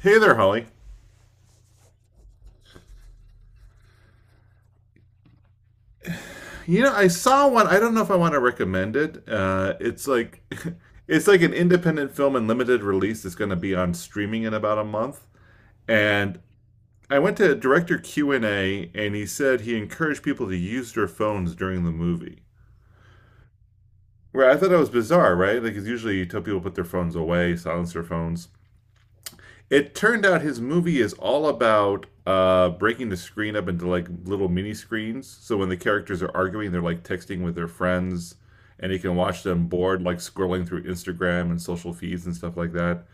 Hey there, Holly. You know, I saw one. I don't know if I want to recommend it. It's like it's like an independent film in limited release. It's going to be on streaming in about a month. And I went to director Q and A, and he said he encouraged people to use their phones during the movie. Where I thought that was bizarre, right? Like, 'cause usually you tell people to put their phones away, silence their phones. It turned out his movie is all about breaking the screen up into like little mini screens. So when the characters are arguing, they're like texting with their friends, and you can watch them bored, like scrolling through Instagram and social feeds and stuff like that.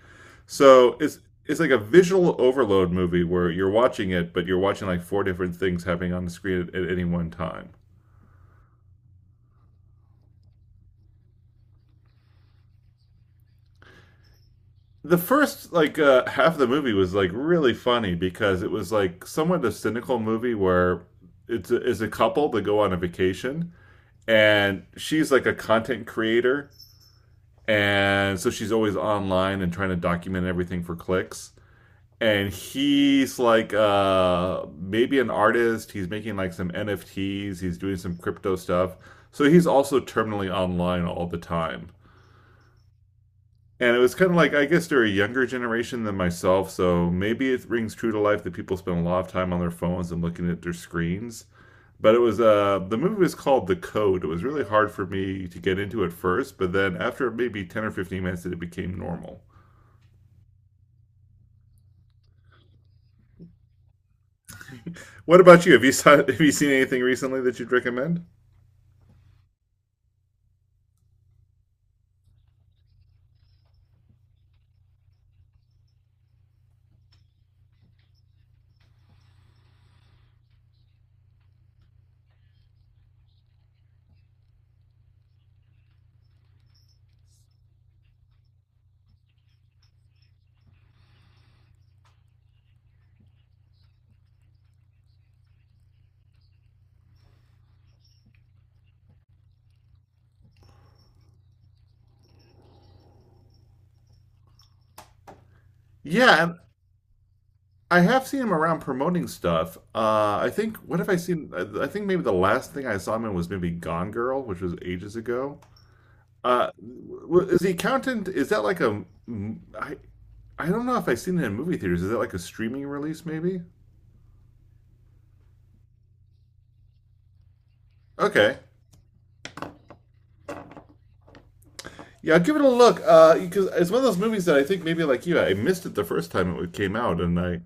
So it's like a visual overload movie where you're watching it, but you're watching like four different things happening on the screen at any one time. The first like half of the movie was like really funny because it was like somewhat a cynical movie where it's a couple that go on a vacation, and she's like a content creator, and so she's always online and trying to document everything for clicks, and he's like maybe an artist. He's making like some nfts. He's doing some crypto stuff, so he's also terminally online all the time. And it was kind of like, I guess they're a younger generation than myself, so maybe it rings true to life that people spend a lot of time on their phones and looking at their screens. But it was the movie was called The Code. It was really hard for me to get into at first, but then after maybe 10 or 15 minutes, it became normal. What about you? Have you have you seen anything recently that you'd recommend? Yeah, and I have seen him around promoting stuff. I think what have I seen? I think maybe the last thing I saw him in was maybe Gone Girl, which was ages ago. Uh, is the accountant? Is that like a? I I don't know if I've seen it in movie theaters. Is that like a streaming release? Maybe. Okay. Yeah, give it a look. Because it's one of those movies that I think maybe like you, I missed it the first time it came out, and I,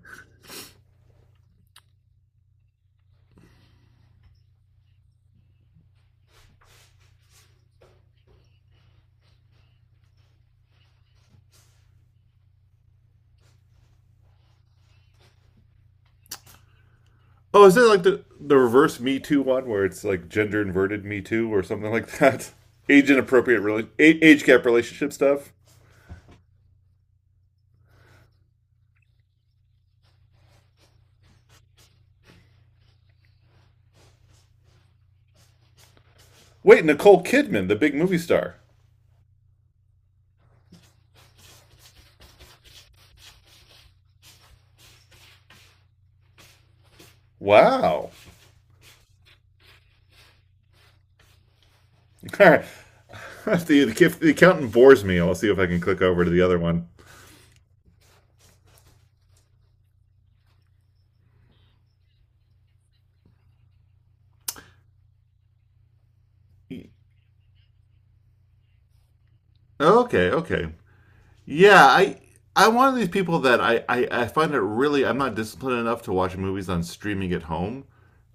oh, is it like the reverse Me Too one where it's like gender inverted Me Too or something like that? Age inappropriate, really age gap relationship stuff. Wait, Nicole Kidman, the big movie star. Wow. All right. If the accountant bores me, I'll see if I can click over to the other one. E, Okay, okay. Yeah, I'm one of these people that I find it really I'm not disciplined enough to watch movies on streaming at home.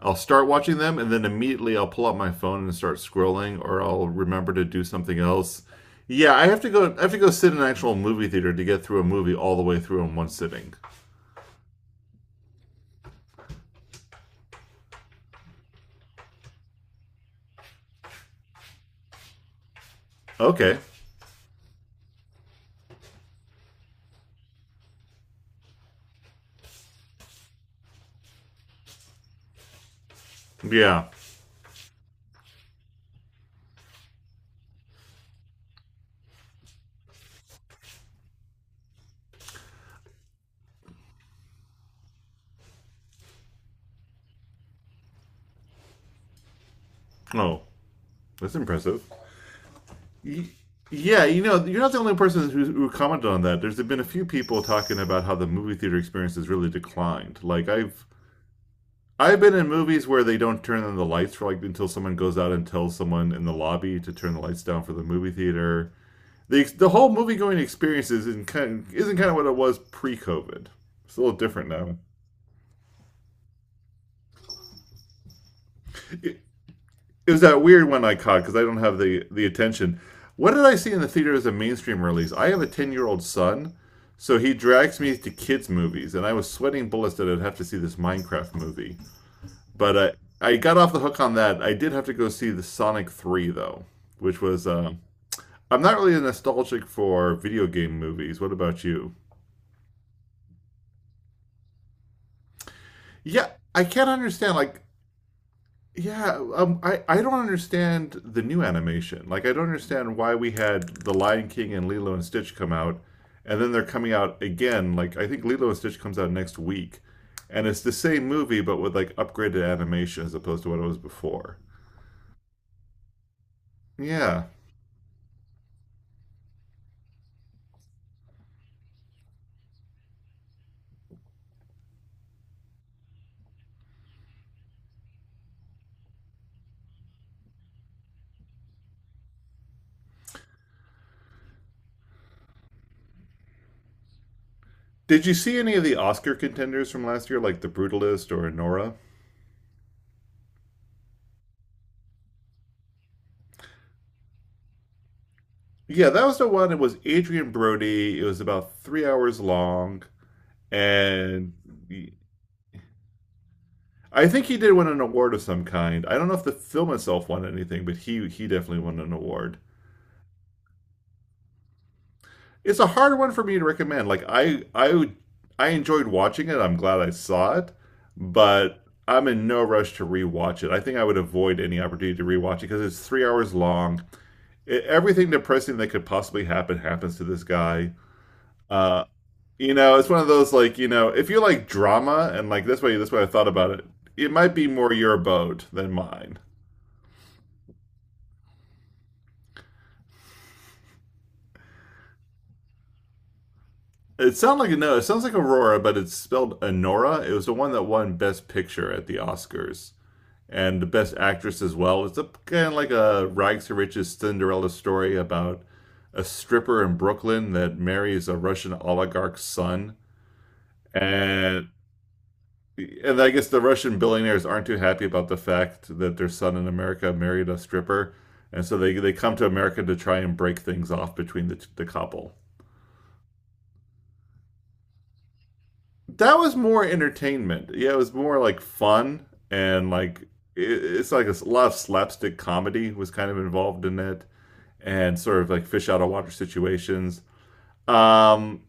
I'll start watching them and then immediately I'll pull up my phone and start scrolling, or I'll remember to do something else. Yeah, I have to go. I have to go sit in an actual movie theater to get through a movie all the way through in one sitting. Okay. Yeah. Oh, that's impressive. Y- Yeah, you know, you're not the only person who commented on that. There's been a few people talking about how the movie theater experience has really declined. Like I've been in movies where they don't turn on the lights for like until someone goes out and tells someone in the lobby to turn the lights down for the movie theater. The whole movie going experience isn't kind of what it was pre COVID. It's a little different now. It, it was that weird one I caught because I don't have the attention. What did I see in the theater as a mainstream release? I have a 10 year old son, so he drags me to kids movies, and I was sweating bullets that I'd have to see this Minecraft movie. But I got off the hook on that. I did have to go see the Sonic Three though, which was I'm not really nostalgic for video game movies. What about you? Yeah, I can't understand like. Yeah, I don't understand the new animation. Like, I don't understand why we had The Lion King and Lilo and Stitch come out, and then they're coming out again. Like, I think Lilo and Stitch comes out next week, and it's the same movie but with like upgraded animation as opposed to what it was before. Yeah. Did you see any of the Oscar contenders from last year, like The Brutalist or Nora? Yeah, that was the one. It was Adrian Brody. It was about 3 hours long, and I think he did win an award of some kind. I don't know if the film itself won anything, but he definitely won an award. It's a hard one for me to recommend. Like I enjoyed watching it. I'm glad I saw it, but I'm in no rush to rewatch it. I think I would avoid any opportunity to rewatch it because it's 3 hours long it, everything depressing that could possibly happen happens to this guy. Uh, you know, it's one of those like you know, if you like drama and like this way I thought about it. It might be more your boat than mine. It sounds like no, it sounds like Aurora, but it's spelled Honora. It was the one that won Best Picture at the Oscars and the Best Actress as well. It's a kind of like a rags to riches Cinderella story about a stripper in Brooklyn that marries a Russian oligarch's son, and and I guess the Russian billionaires aren't too happy about the fact that their son in America married a stripper, and so they come to America to try and break things off between the couple. That was more entertainment. Yeah, it was more like fun and like it, it's like a lot of slapstick comedy was kind of involved in it, and sort of like fish out of water situations. Um,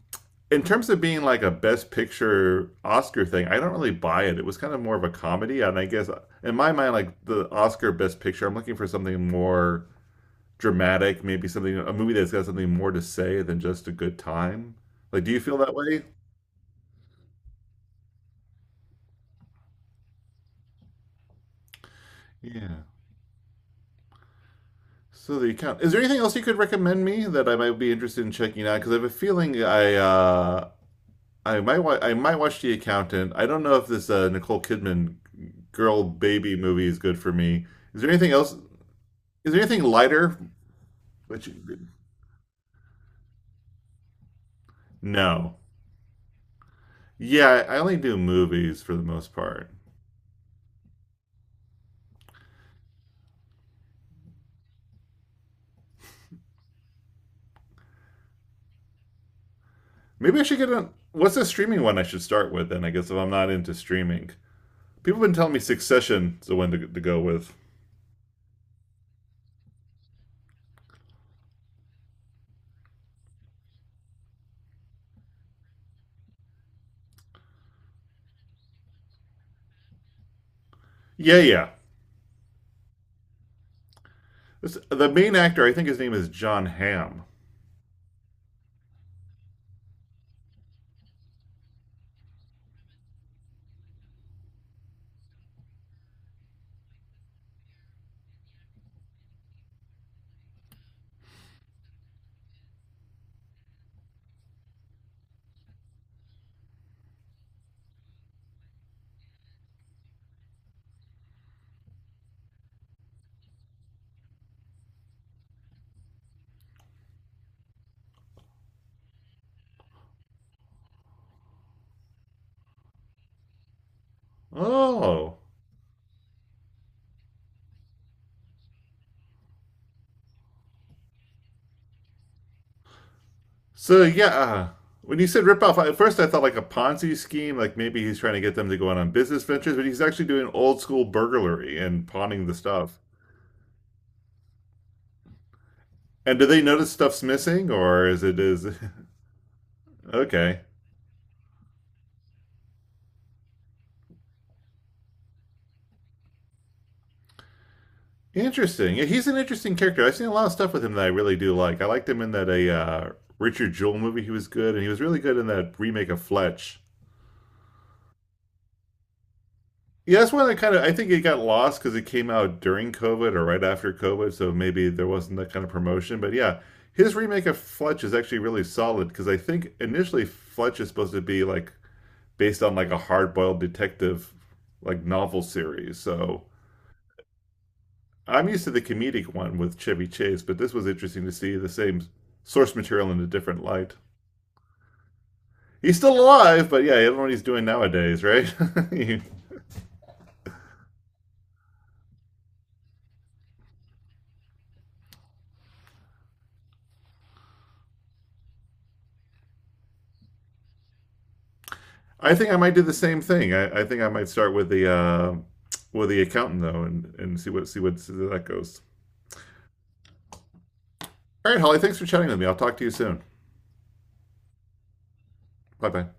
in terms of being like a best picture Oscar thing, I don't really buy it. It was kind of more of a comedy, and I guess in my mind, like the Oscar best picture, I'm looking for something more dramatic, maybe something a movie that's got something more to say than just a good time. Like, do you feel that way? Yeah. So there you count. Is there anything else you could recommend me that I might be interested in checking out? Because I have a feeling I I might watch The Accountant. I don't know if this Nicole Kidman girl baby movie is good for me. Is there anything else? Is there anything lighter? Which No. Yeah, I only do movies for the most part. Maybe I should get a. What's the streaming one I should start with then? I guess if I'm not into streaming. People have been telling me Succession is the one to go with. Yeah, yeah. This, the main actor, I think his name is John Hamm. Oh. So, yeah. When you said ripoff, at first I thought like a Ponzi scheme, like maybe he's trying to get them to go out on business ventures, but he's actually doing old school burglary and pawning the stuff. And do they notice stuff's missing, or is it is Okay? Interesting. Yeah, he's an interesting character. I've seen a lot of stuff with him that I really do like. I liked him in that a Richard Jewell movie. He was good, and he was really good in that remake of Fletch. Yeah, that's one that kind of I think it got lost because it came out during COVID or right after COVID, so maybe there wasn't that kind of promotion. But yeah, his remake of Fletch is actually really solid because I think initially Fletch is supposed to be like based on like a hard boiled detective like novel series. So I'm used to the comedic one with Chevy Chase, but this was interesting to see the same source material in a different light. He's still alive, but yeah, I don't know what he's doing nowadays, right? I think I might do the same thing. I think I might start with the accountant though, and see what see what see where that goes. All right, Holly, thanks for chatting with me. I'll talk to you soon. Bye bye.